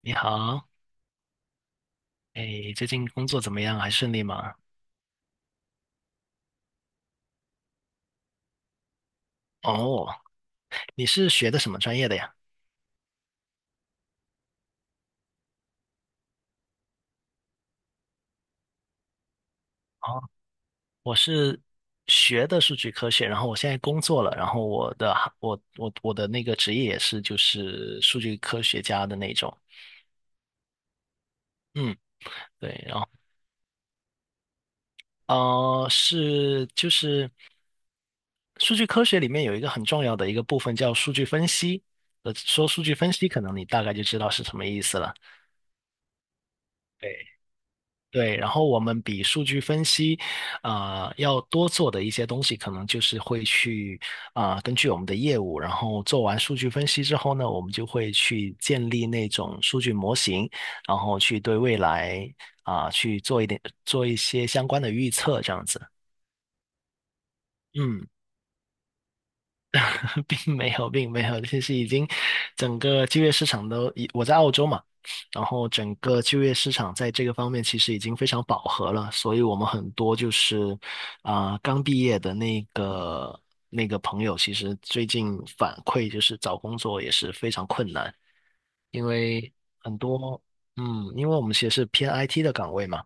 你好。哎，最近工作怎么样？还顺利吗？哦，你是学的什么专业的呀？哦，我是学的数据科学，然后我现在工作了，然后我的行我我我的那个职业也是就是数据科学家的那种。嗯，对，然后就是数据科学里面有一个很重要的一个部分叫数据分析。说数据分析，可能你大概就知道是什么意思了。对。对，然后我们比数据分析，要多做的一些东西，可能就是会去根据我们的业务，然后做完数据分析之后呢，我们就会去建立那种数据模型，然后去对未来去做一些相关的预测，这样子。嗯。并没有，并没有，其实已经整个就业市场都已，我在澳洲嘛，然后整个就业市场在这个方面其实已经非常饱和了，所以我们很多就是刚毕业的那个朋友，其实最近反馈就是找工作也是非常困难。因为很多，嗯，因为我们其实是偏 IT 的岗位嘛，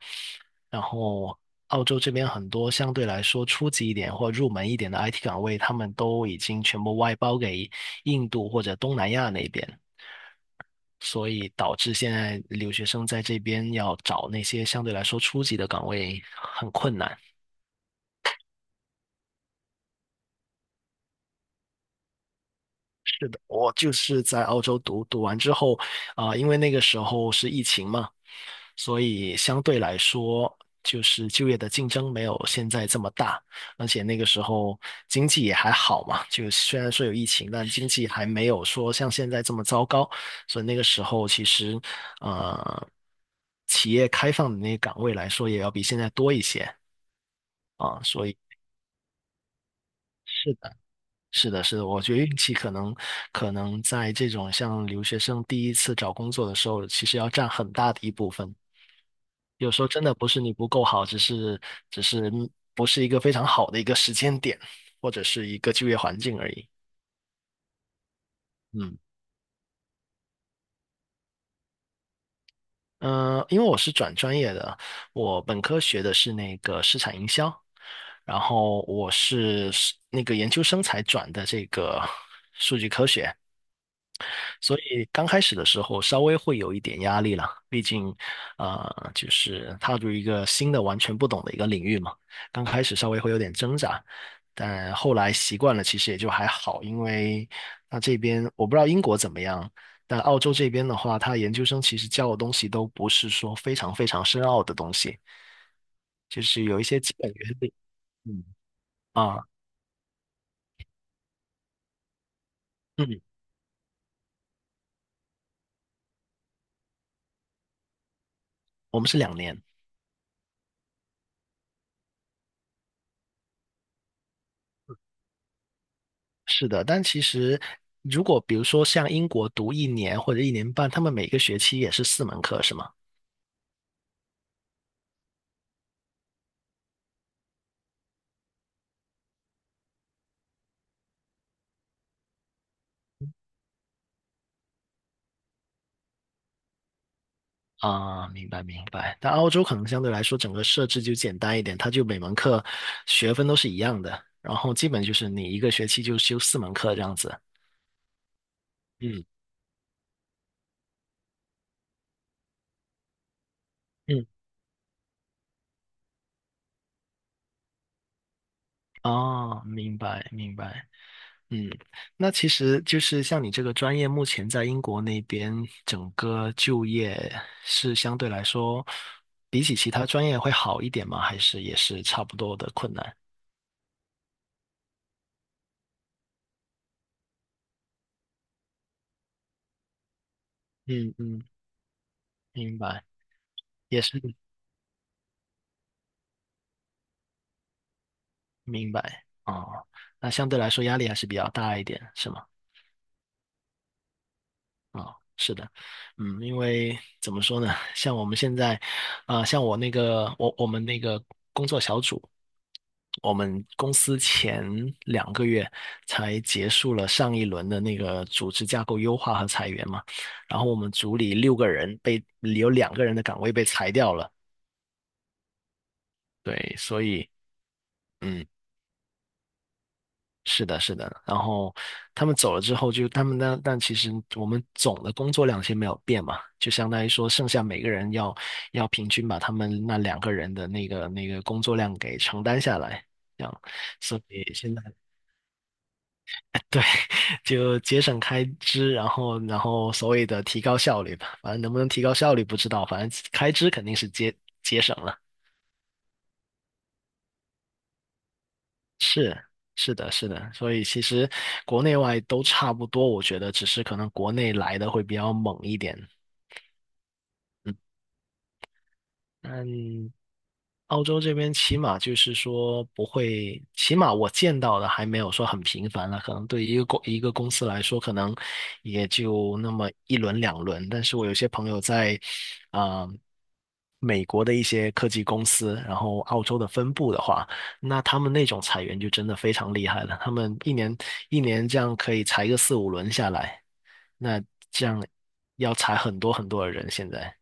然后澳洲这边很多相对来说初级一点或入门一点的 IT 岗位，他们都已经全部外包给印度或者东南亚那边，所以导致现在留学生在这边要找那些相对来说初级的岗位很困难。我就是在澳洲读，读完之后因为那个时候是疫情嘛，所以相对来说，就是就业的竞争没有现在这么大，而且那个时候经济也还好嘛，就虽然说有疫情，但经济还没有说像现在这么糟糕，所以那个时候其实呃，企业开放的那个岗位来说，也要比现在多一些啊，所以。是。是的，是的，我觉得运气可能在这种像留学生第一次找工作的时候，其实要占很大的一部分。有时候真的不是你不够好，只是不是一个非常好的一个时间点，或者是一个就业环境而已。嗯，因为我是转专业的，我本科学的是那个市场营销，然后我是那个研究生才转的这个数据科学。所以刚开始的时候稍微会有一点压力了，毕竟，就是踏入一个新的、完全不懂的一个领域嘛，刚开始稍微会有点挣扎，但后来习惯了，其实也就还好，因为那这边我不知道英国怎么样，但澳洲这边的话，他研究生其实教的东西都不是说非常非常深奥的东西，就是有一些基本原理。嗯啊，嗯，我们是两年。是的，但其实如果比如说像英国读一年或者一年半，他们每个学期也是四门课，是吗？啊，明白明白。但澳洲可能相对来说整个设置就简单一点，它就每门课学分都是一样的，然后基本就是你一个学期就修四门课这样子。嗯嗯，哦，明白明白。嗯，那其实就是像你这个专业，目前在英国那边整个就业是相对来说，比起其他专业会好一点吗？还是也是差不多的困难？嗯嗯，明白，也是明白哦。那相对来说压力还是比较大一点，是吗？啊，是的。嗯，因为怎么说呢，像我们现在，像我那个，我们那个工作小组，我们公司前两个月才结束了上一轮的那个组织架构优化和裁员嘛，然后我们组里六个人被有两个人的岗位被裁掉了，对，所以。嗯。是的，是的。然后他们走了之后就，他们呢，但其实我们总的工作量先没有变嘛，就相当于说，剩下每个人要平均把他们那两个人的那个工作量给承担下来，这样。所以现在 对，就节省开支，然后所谓的提高效率吧，反正能不能提高效率不知道，反正开支肯定是节省了。是是的，是的，所以其实国内外都差不多，我觉得只是可能国内来的会比较猛一点。嗯，嗯。澳洲这边起码就是说不会，起码我见到的还没有说很频繁了。可能对于一个公司来说，可能也就那么一轮两轮。但是我有些朋友在啊、美国的一些科技公司，然后澳洲的分部的话，那他们那种裁员就真的非常厉害了。他们一年这样可以裁个四五轮下来，那这样要裁很多很多的人现在。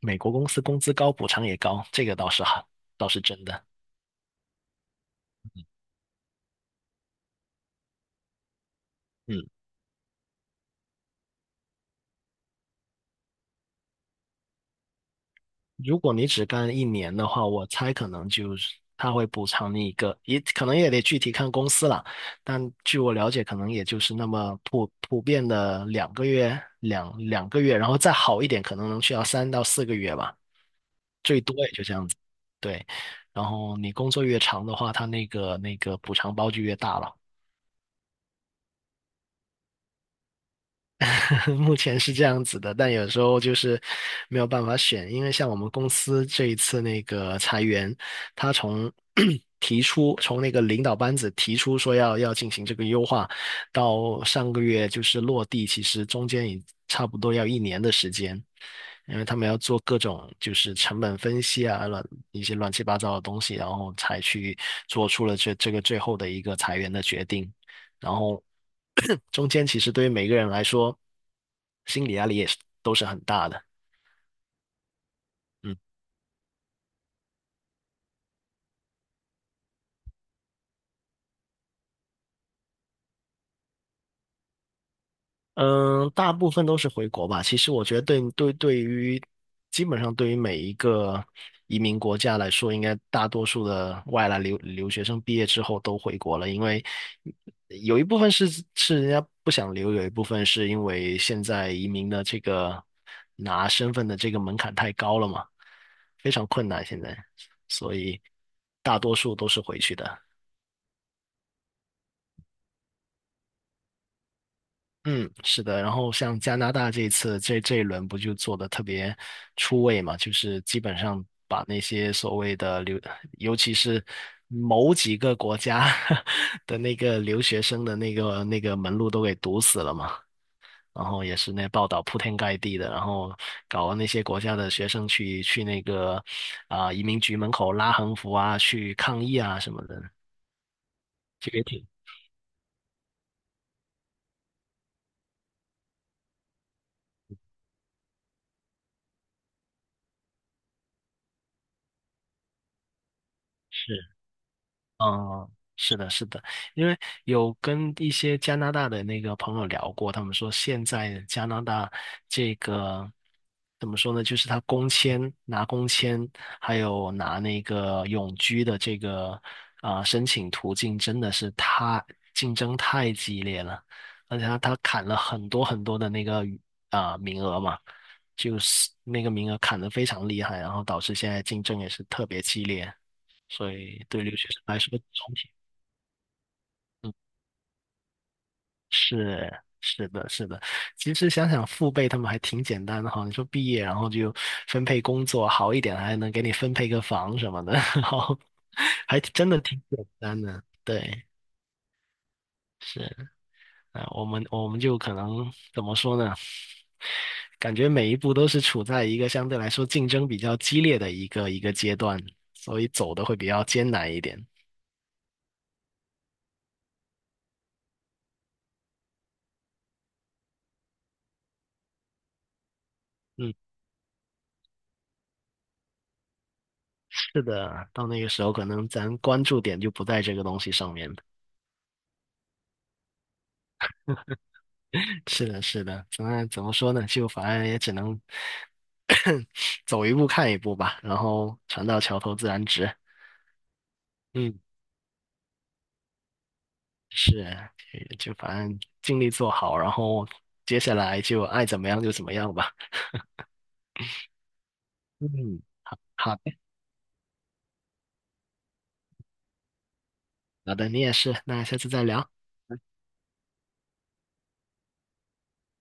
美国公司工资高，补偿也高，这个倒是好，倒是真的。嗯，如果你只干一年的话，我猜可能就是他会补偿你一个，也可能也得具体看公司了。但据我了解，可能也就是那么普遍的两个月，两个月，然后再好一点，可能能去到三到四个月吧，最多也就这样子。对，然后你工作越长的话，他那个补偿包就越大了。目前是这样子的，但有时候就是没有办法选，因为像我们公司这一次那个裁员，他从 提出从那个领导班子提出说要进行这个优化，到上个月就是落地，其实中间也差不多要一年的时间，因为他们要做各种就是成本分析啊，一些乱七八糟的东西，然后才去做出了这个最后的一个裁员的决定。然后 中间其实对于每个人来说，心理压力也是都是很大的。嗯。嗯，大部分都是回国吧。其实我觉得对于基本上对于每一个移民国家来说，应该大多数的外来留学生毕业之后都回国了，因为有一部分是人家不想留，有一部分是因为现在移民的这个拿身份的这个门槛太高了嘛，非常困难现在，所以大多数都是回去的。嗯，是的，然后像加拿大这一次这一轮不就做的特别出位嘛，就是基本上把那些所谓的留，尤其是某几个国家 的那个留学生的那个门路都给堵死了嘛，然后也是那报道铺天盖地的，然后搞那些国家的学生去那个移民局门口拉横幅啊，去抗议啊什么的，这个也挺是。嗯，是的，是的，因为有跟一些加拿大的那个朋友聊过，他们说现在加拿大这个怎么说呢？就是他工签、拿工签，还有拿那个永居的这个申请途径，真的是太竞争太激烈了，而且他砍了很多很多的那个名额嘛，就是那个名额砍得非常厉害，然后导致现在竞争也是特别激烈。所以对留学生来说，总体嗯是的，是的。其实想想父辈他们还挺简单的哈，你说毕业然后就分配工作好一点，还能给你分配个房什么的，然后还真的挺简单的。对，是啊，我们就可能怎么说呢？感觉每一步都是处在一个相对来说竞争比较激烈的一个阶段，所以走的会比较艰难一点。嗯。是的，到那个时候可能咱关注点就不在这个东西上面了。是的，是的，怎么说呢？就反正也只能 走一步看一步吧，然后船到桥头自然直。嗯，是啊，就反正尽力做好，然后接下来就爱怎么样就怎么样吧。嗯，好的。好的，你也是，那下次再聊。